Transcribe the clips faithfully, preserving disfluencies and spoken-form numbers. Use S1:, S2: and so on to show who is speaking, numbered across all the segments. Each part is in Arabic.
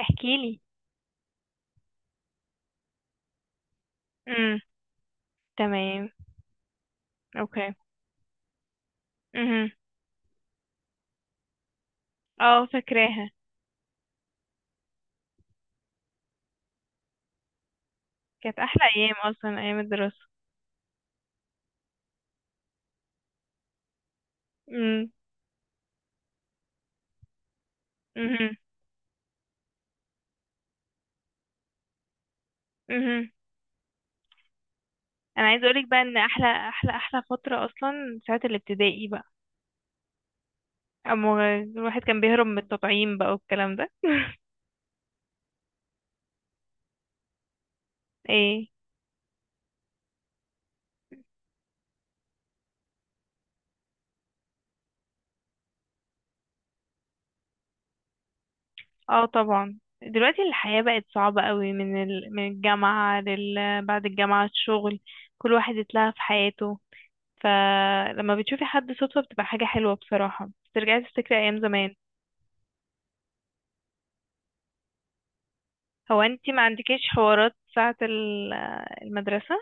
S1: احكي لي. امم. تمام. اوكي. امم. اه فاكراها. كانت احلى ايام اصلا ايام الدراسه. امم. امم. امم. انا عايزه اقولك بقى ان احلى احلى احلى فتره اصلا ساعه الابتدائي بقى. اما الواحد كان بيهرب من التطعيم بقى والكلام ده ايه. اه طبعا دلوقتي الحياه بقت صعبه قوي من ال... من الجامعه لل... بعد الجامعه الشغل. كل واحد اتلهى في حياته. فلما بتشوفي حد صدفه بتبقى حاجه حلوه بصراحه. بترجعي تفتكري ايام زمان. هو انتي ما عندكيش حوارات ساعة ال- المدرسة؟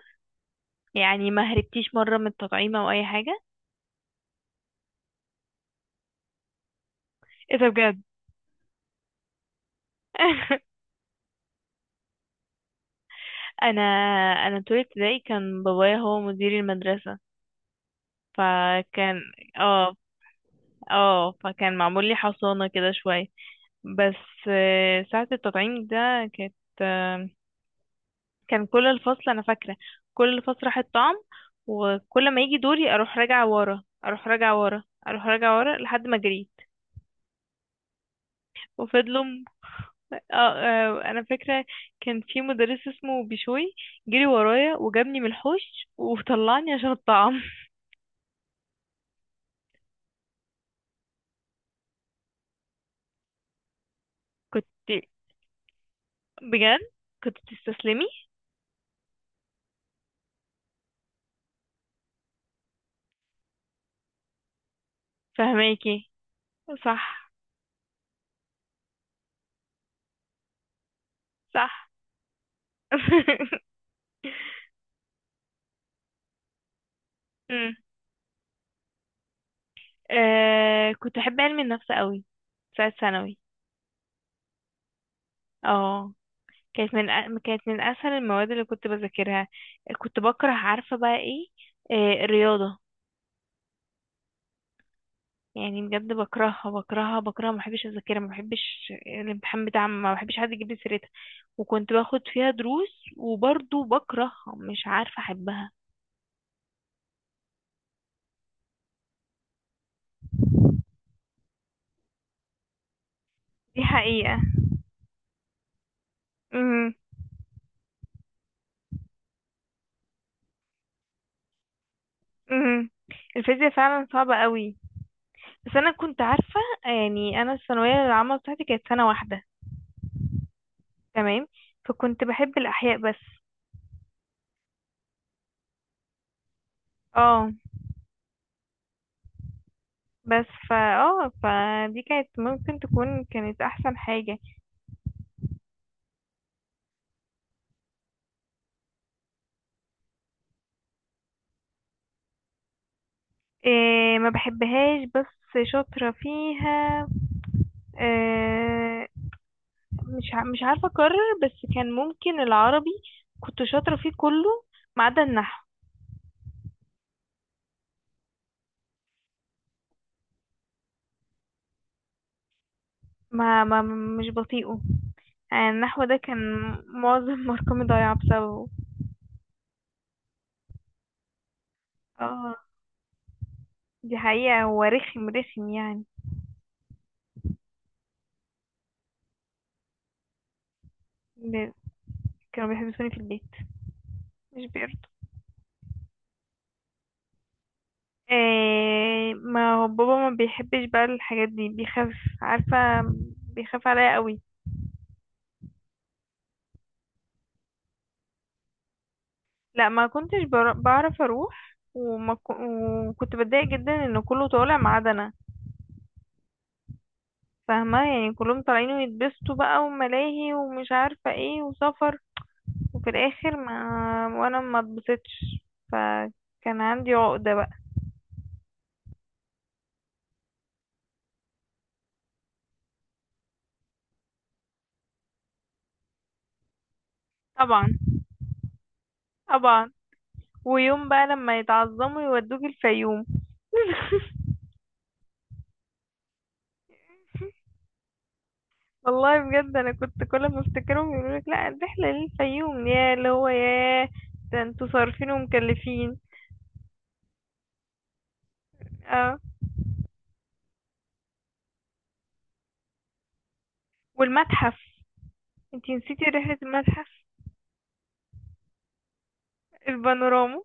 S1: يعني ما هربتيش مرة من التطعيم او اي حاجة؟ ايه ده بجد؟ انا انا طول ابتدائي كان بابايا هو مدير المدرسة. فكان اه اه فكان معمول لي حصانة كده شوية. بس آه، ساعة التطعيم ده كانت آه، كان كل الفصل أنا فاكرة. كل الفصل راح الطعم. وكل ما يجي دوري أروح راجعة ورا أروح راجعة ورا أروح راجعة ورا لحد ما جريت. وفضلوا م- آه آه انا فاكره. كان في مدرس اسمه بشوي. جري ورايا وجابني من الحوش وطلعني عشان الطعام كنت بجد. كنت تستسلمي؟ فهماكي. صح. صح. أمم. آه كنت احب علم النفس قوي. ساعه ثانوي. اه. كانت من أ- كانت من اسهل المواد اللي كنت بذاكرها. كنت بكره عارفه بقى ايه. آه الرياضه. يعني بجد بكرهها بكرهها بكرهها، ما بحبش اذاكرها، ما بحبش الامتحان بتاعها، ما بحبش حد يجيب لي سيرتها. وكنت باخد فيها دروس وبرضه بكرهها مش عارفة احبها. دي حقيقة. امم. امم. الفيزياء فعلا صعبة قوي. بس انا كنت عارفة. يعني انا الثانوية العامة بتاعتي كانت سنة واحدة. تمام. فكنت بحب الاحياء بس. اه. بس فا اه فدي كانت ممكن تكون كانت احسن حاجة. إيه. ما بحبهاش بس شاطرة فيها. آه، مش ع- مش عارفة أكرر. بس كان ممكن العربي. كنت شاطرة فيه كله ما عدا النحو. ما, ما مش بطيئه. يعني النحو ده كان معظم مرقمي ضايعة بسببه. اه. دي حقيقة. هو رخم رخم يعني. ب- كانوا بيحبسوني في البيت. مش بيرضوا. آه ما هو بابا ما بيحبش بقى الحاجات دي. بيخاف. عارفة. بيخاف عليا قوي. لا ما كنتش بر- بعرف اروح، وما ك... وكنت بتضايق جدا ان كله طالع ما عدا انا. فاهمه يعني كلهم طالعين ويتبسطوا بقى، وملاهي ومش عارفه ايه وسفر. وفي الاخر ما وانا ما اتبسطتش. فكان عندي عقده بقى. طبعا. طبعا. ويوم بقى لما يتعظموا يودوك الفيوم. والله بجد انا كنت كل ما افتكرهم يقولوا لك لا الرحله للفيوم يا اللي هو يا ده انتوا صارفين ومكلفين. اه. والمتحف. انتي نسيتي رحلة المتحف. البانوراما.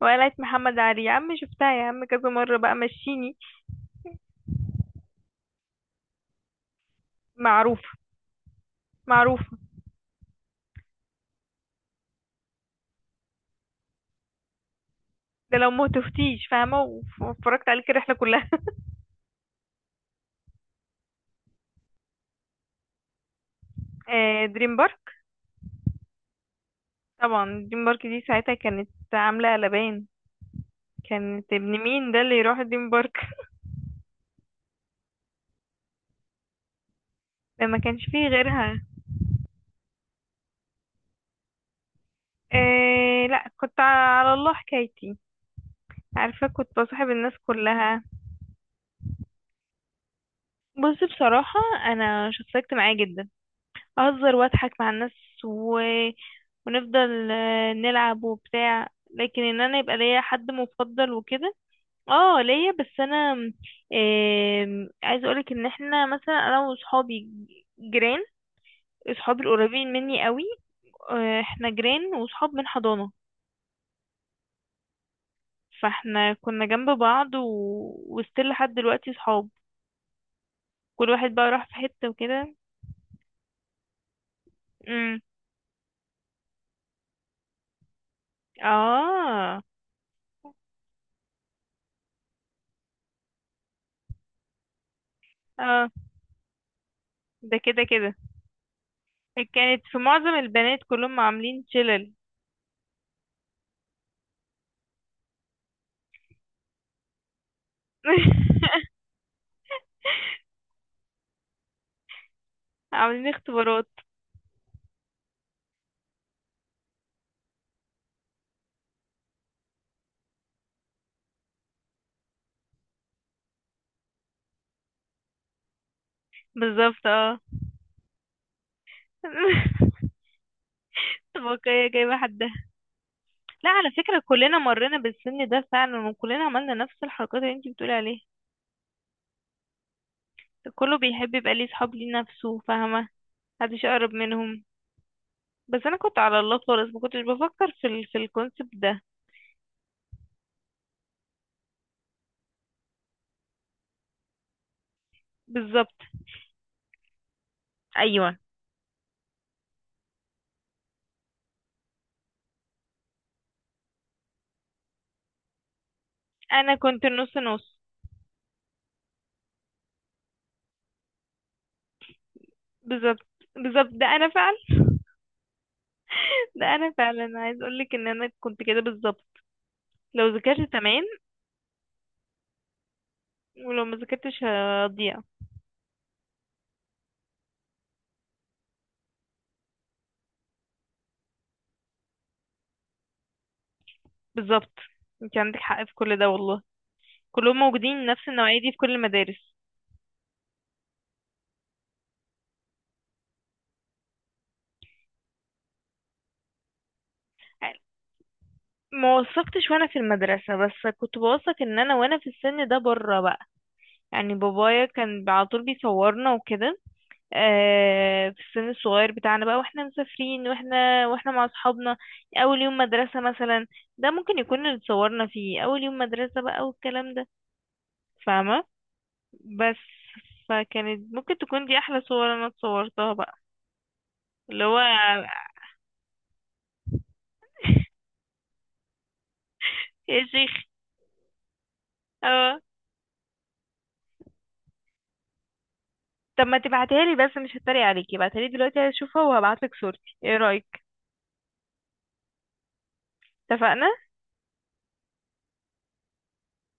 S1: وقلعة محمد علي يا عم، شفتها يا عم كذا مرة بقى مشيني. معروفة. معروفة. ده لو ما تفتيش فاهمة وف- واتفرجت عليك الرحلة كلها آه دريم بارك. طبعا. دريم بارك دي ساعتها كانت عاملة قلبان. كانت ابن مين ده اللي يروح دريم بارك ده ما كانش فيه غيرها. آه لا كنت على الله حكايتي. عارفة كنت بصاحب الناس كلها. بص بصراحة، أنا شخصية اجتماعية جدا. اهزر واضحك مع الناس. و... ونفضل آه، نلعب وبتاع. لكن ان انا يبقى ليا حد مفضل وكده، اه ليا. بس انا آم، عايزه اقولك ان احنا مثلا انا وصحابي جيران. صحابي القريبين مني قوي، آه، احنا جيران وصحاب من حضانة. فاحنا كنا جنب بعض و... وستيل لحد دلوقتي صحاب. كل واحد بقى راح في حتة وكده. امم. اه. اه. ده كده كده كانت في معظم البنات كلهم عاملين شلل. عاملين اختبارات. بالظبط اه. بقية جايبة حدها. لا على فكرة كلنا مرينا بالسن ده فعلا، وكلنا عملنا نفس الحركات اللي انتي بتقولي عليها. كله بيحب يبقى ليه صحاب ليه نفسه، فاهمة. محدش أقرب منهم. بس أنا كنت على الله خالص، ما كنتش بفكر في ال في الكونسبت ده. بالظبط. أيوة. أنا كنت نص نص. بالظبط. بالظبط. ده أنا فعلا. ده أنا فعلا عايز أقولك إن أنا كنت كده بالظبط. لو ذاكرت تمام، ولو ما ذاكرتش هضيع. بالظبط. انت عندك حق في كل ده والله. كلهم موجودين، نفس النوعية دي في كل المدارس. ما وثقتش وانا في المدرسة، بس كنت بوثق ان انا وانا في السن ده بره بقى. يعني بابايا كان على طول بيصورنا وكده. آه في السن الصغير بتاعنا بقى، واحنا مسافرين، واحنا واحنا مع اصحابنا. اول يوم مدرسة مثلا. ده ممكن يكون اللي اتصورنا فيه اول يوم مدرسة بقى والكلام ده. فاهمة. بس فكانت ممكن تكون دي احلى صور انا اتصورتها بقى، اللي هو يا شيخ. اه. طب ما تبعتها لي بس، مش هتريق عليكي، ابعتها لي دلوقتي هشوفها وهبعت لك صورتي، ايه رأيك؟ اتفقنا.